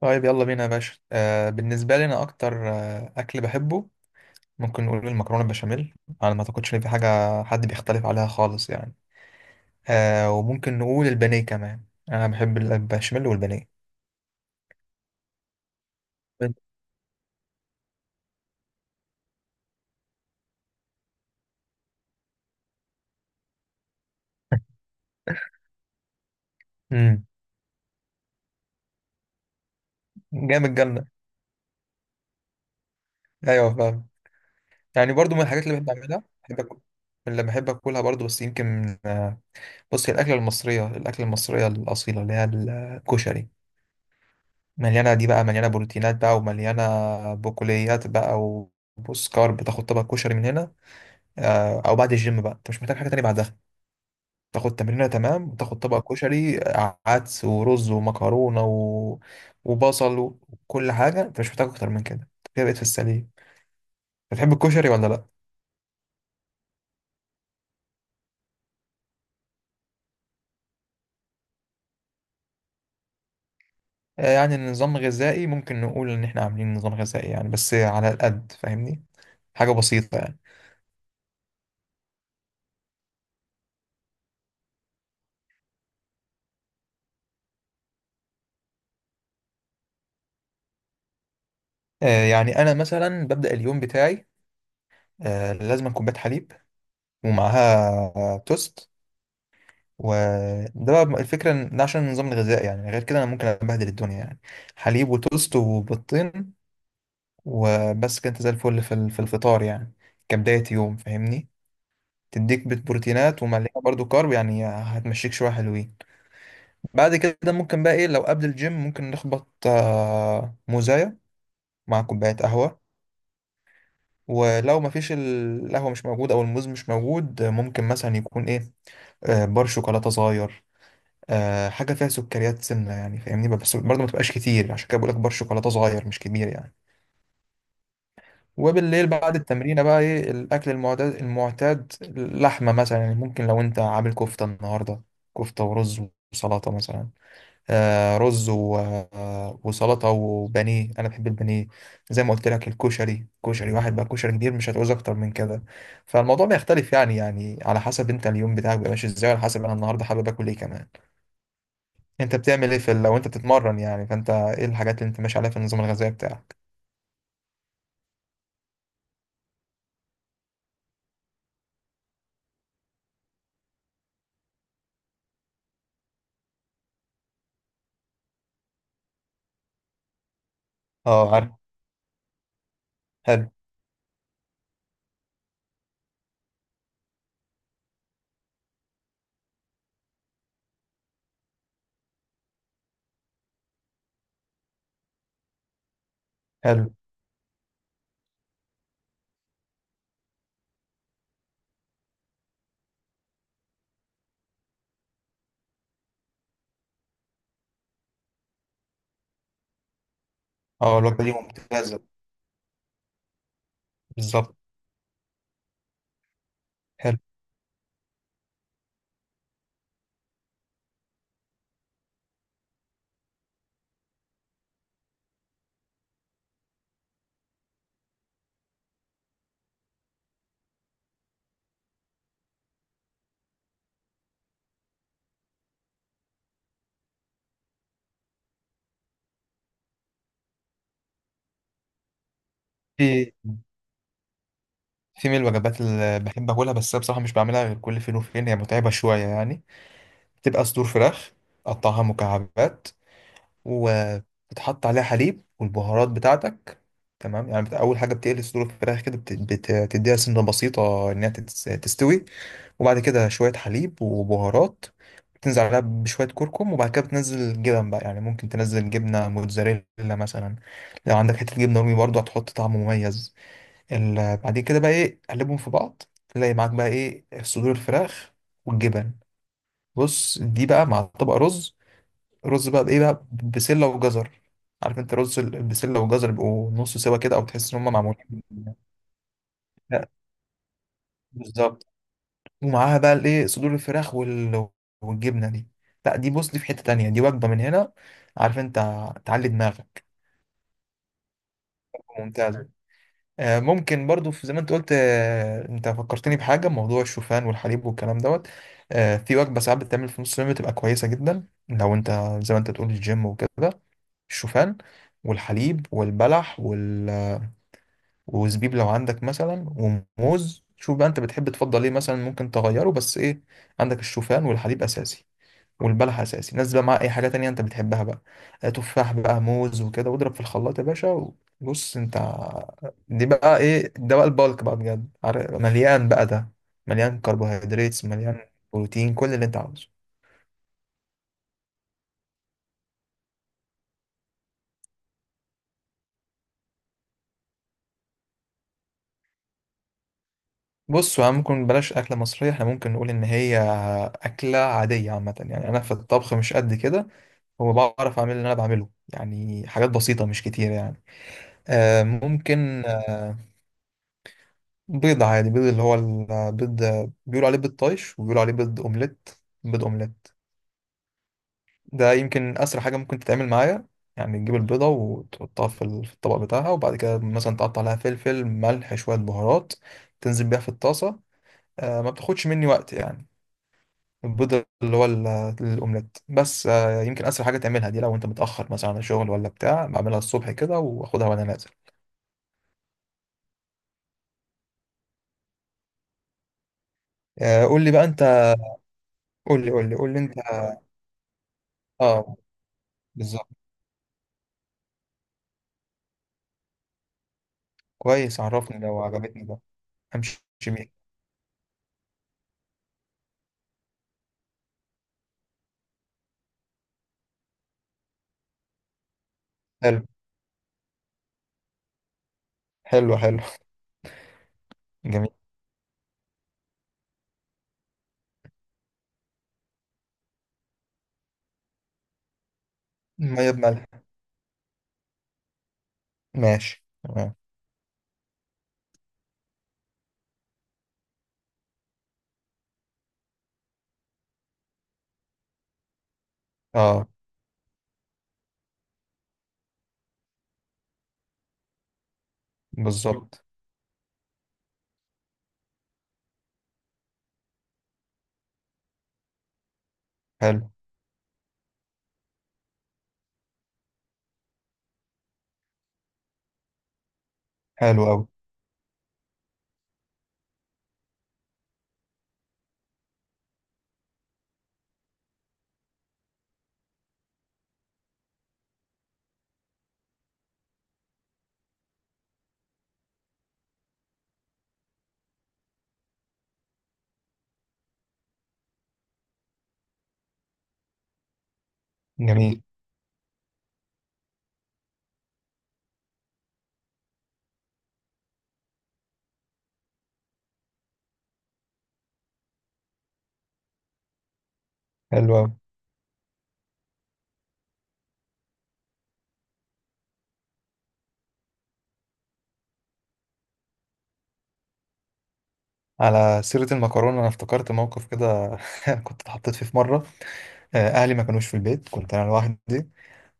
طيب، يلا بينا يا باشا. بالنسبة لي، أنا أكتر أكل بحبه. ممكن نقول المكرونة البشاميل. أنا ما أعتقدش إن في حاجة حد بيختلف عليها خالص يعني. وممكن نقول البانيه كمان. أنا بحب البشاميل والبانيه. أنت؟ امم. جامد جدا. أيوه، فاهم. يعني برضو من الحاجات اللي بحب أعملها بحب أكل اللي بحب أكلها برضو، بس يمكن بص، هي الأكلة المصرية الأصيلة اللي هي الكشري. مليانة دي بقى، مليانة بروتينات بقى، ومليانة بقوليات بقى. وبص كارب، بتاخد طبق كشري من هنا. أو بعد الجيم بقى أنت مش محتاج حاجة تانية بعدها. تاخد تمرينة، تمام، وتاخد طبق كشري، عدس ورز ومكرونة وبصل وكل حاجة، أنت مش محتاج أكتر من كده، أنت كده بقيت في السليم. بتحب الكشري ولا لأ؟ يعني النظام الغذائي ممكن نقول إن إحنا عاملين نظام غذائي يعني، بس على القد، فاهمني؟ حاجة بسيطة يعني. يعني أنا مثلا ببدأ اليوم بتاعي. لازم كوباية حليب ومعاها توست. وده بقى الفكرة، إن ده عشان النظام الغذائي يعني، غير كده أنا ممكن أبهدل الدنيا يعني. حليب وتوست وبيضتين وبس كده، أنت زي الفل في الفطار يعني، كبداية يوم، فاهمني. تديك بيت بروتينات ومليانة برضو كارب، يعني هتمشيك شوية حلوين. بعد كده، ممكن بقى إيه؟ لو قبل الجيم ممكن نخبط موزاية مع كوباية قهوة. ولو مفيش القهوة مش موجود، أو الموز مش موجود، ممكن مثلا يكون إيه؟ بار شوكولاتة صغير، حاجة فيها سكريات سنة يعني، فاهمني. بس برضه ما تبقاش كتير، عشان كده بقول لك بار شوكولاتة صغير، مش كبير يعني. وبالليل بعد التمرين بقى، ايه الأكل المعتاد؟ اللحمة مثلا يعني، ممكن لو أنت عامل كفتة النهاردة، كفتة ورز وسلطة مثلا، رز وسلطة وبانيه. أنا بحب البانيه. زي ما قلت لك، الكشري، كشري واحد بقى، كشري كبير، مش هتعوز أكتر من كده. فالموضوع بيختلف يعني على حسب أنت اليوم بتاعك بيبقى ماشي إزاي، على حسب أنا النهاردة حابب آكل إيه كمان. انت بتعمل ايه لو انت بتتمرن يعني، فانت ايه الحاجات اللي انت ماشي عليها في النظام الغذائي بتاعك؟ اه، عارف. حلو، حلو. اه، الوجبه دي ممتازه. بالظبط. حلو. في في من الوجبات اللي بحب اكلها، بس أنا بصراحه مش بعملها غير كل فين وفين، هي متعبه شويه يعني. بتبقى صدور فراخ، قطعها مكعبات، وبتحط عليها حليب والبهارات بتاعتك. تمام يعني، اول حاجه بتقلي صدور الفراخ كده، بتديها سنه بسيطه انها تستوي. وبعد كده شويه حليب وبهارات، تنزل عليها بشوية كركم. وبعد كده بتنزل الجبن بقى، يعني ممكن تنزل جبنة موتزاريلا مثلا. لو عندك حتة جبنة رومي، برضو هتحط طعم مميز. بعد كده بقى ايه، قلبهم في بعض. تلاقي معاك بقى ايه، صدور الفراخ والجبن. بص، دي بقى مع طبق رز. رز بقى بايه بقى، بسلة وجزر. عارف انت، رز البسلة والجزر بيبقوا نص سوا كده، او تحس ان هم معمولين. لا. بالظبط. ومعاها بقى الايه، صدور الفراخ والجبنه دي. لا، دي، بص دي في حته تانية، دي وجبه من هنا. عارف انت، تعلي دماغك. ممتازه. ممكن برضو، في، زي ما انت قلت، انت فكرتني بحاجه، موضوع الشوفان والحليب والكلام دوت. في وجبه ساعات بتتعمل في نص اليوم، بتبقى كويسه جدا لو انت، زي ما انت تقول، الجيم وكده. الشوفان والحليب والبلح وزبيب لو عندك مثلا، وموز. شوف بقى انت بتحب تفضل ايه مثلا، ممكن تغيره، بس ايه؟ عندك الشوفان والحليب اساسي، والبلح اساسي، نزل بقى معاه اي حاجه تانية انت بتحبها بقى. تفاح بقى، موز وكده، واضرب في الخلاط يا باشا. وبص انت، دي بقى ايه؟ ده بقى البالك بقى بجد، مليان بقى ده، مليان كربوهيدرات، مليان بروتين، كل اللي انت عاوزه. بص هو، ممكن بلاش أكلة مصرية، احنا ممكن نقول إن هي أكلة عادية عامة يعني. أنا في الطبخ مش قد كده، هو بعرف أعمل اللي أنا بعمله يعني، حاجات بسيطة مش كتير يعني. ممكن بيض عادي، بيض اللي هو البيض، بيقولوا عليه بيض طايش، وبيقولوا عليه بيض اومليت. بيض اومليت ده يمكن اسرع حاجه ممكن تتعمل معايا. يعني تجيب البيضه وتحطها في الطبق بتاعها، وبعد كده مثلا تقطع لها فلفل، ملح، شويه بهارات، تنزل بيها في الطاسه. ما بتاخدش مني وقت يعني. البيض اللي هو الاومليت، بس يمكن اسرع حاجه تعملها دي، لو انت متاخر مثلا على الشغل ولا بتاع، بعملها الصبح كده واخدها وانا نازل. قول لي بقى انت. قول لي، قول لي، قول لي انت. اه. بالظبط. كويس، عرفني لو عجبتني بقى. امشي يمين. حلو، حلو، حلو. جميل. ميه بملح، ماشي، تمام. اه. بالظبط. حلو. حلو قوي. جميل. حلو قوي. على سيرة المكرونة، أنا افتكرت موقف كده كنت اتحطيت فيه في مرة. أهلي ما كانوش في البيت، كنت أنا لوحدي،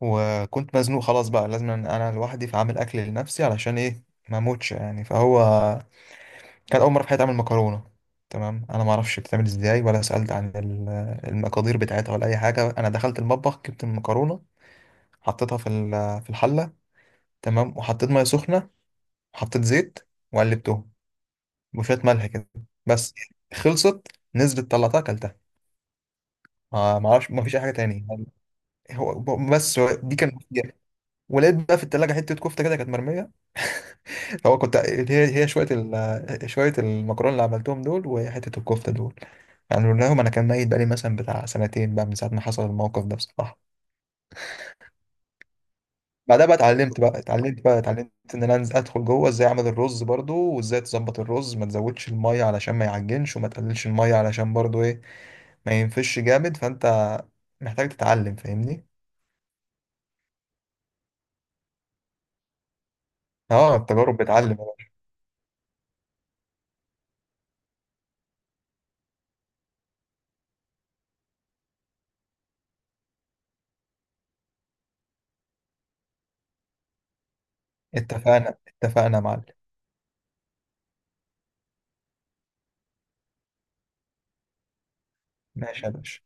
وكنت مزنوق خلاص، بقى لازم أنا لوحدي فأعمل أكل لنفسي، علشان إيه؟ ما أموتش يعني. فهو كان أول مرة في حياتي أعمل مكرونة. تمام، أنا ما أعرفش بتتعمل إزاي، ولا سألت عن المقادير بتاعتها، ولا أي حاجة. أنا دخلت المطبخ، جبت المكرونة، حطيتها في الحله. تمام، وحطيت ميه سخنه، وحطيت زيت، وقلبتهم، وشويه ملح كده. بس، خلصت، نزلت، طلعتها، اكلتها. ما اعرفش، ما فيش اي حاجه تاني يعني. هو بس هو دي كان. ولقيت بقى في التلاجة حتة كفتة كده كانت مرمية. فهو كنت، هي شوية شوية المكرونة اللي عملتهم دول، وحتة الكفتة دول، يعني لهم. انا كان ميت، بقالي مثلا بتاع سنتين بقى من ساعة ما حصل الموقف ده، بصراحة. بعدها بقى اتعلمت ان انا انزل ادخل جوه، ازاي اعمل الرز برضو، وازاي تظبط الرز، ما تزودش الميه علشان ما يعجنش، وما تقللش الميه علشان برضو ايه؟ ما ينفش جامد. فانت محتاج تتعلم، فاهمني. اه، التجارب بتعلم يا باشا. اتفقنا. اتفقنا يا معلم. ماشي يا باشا.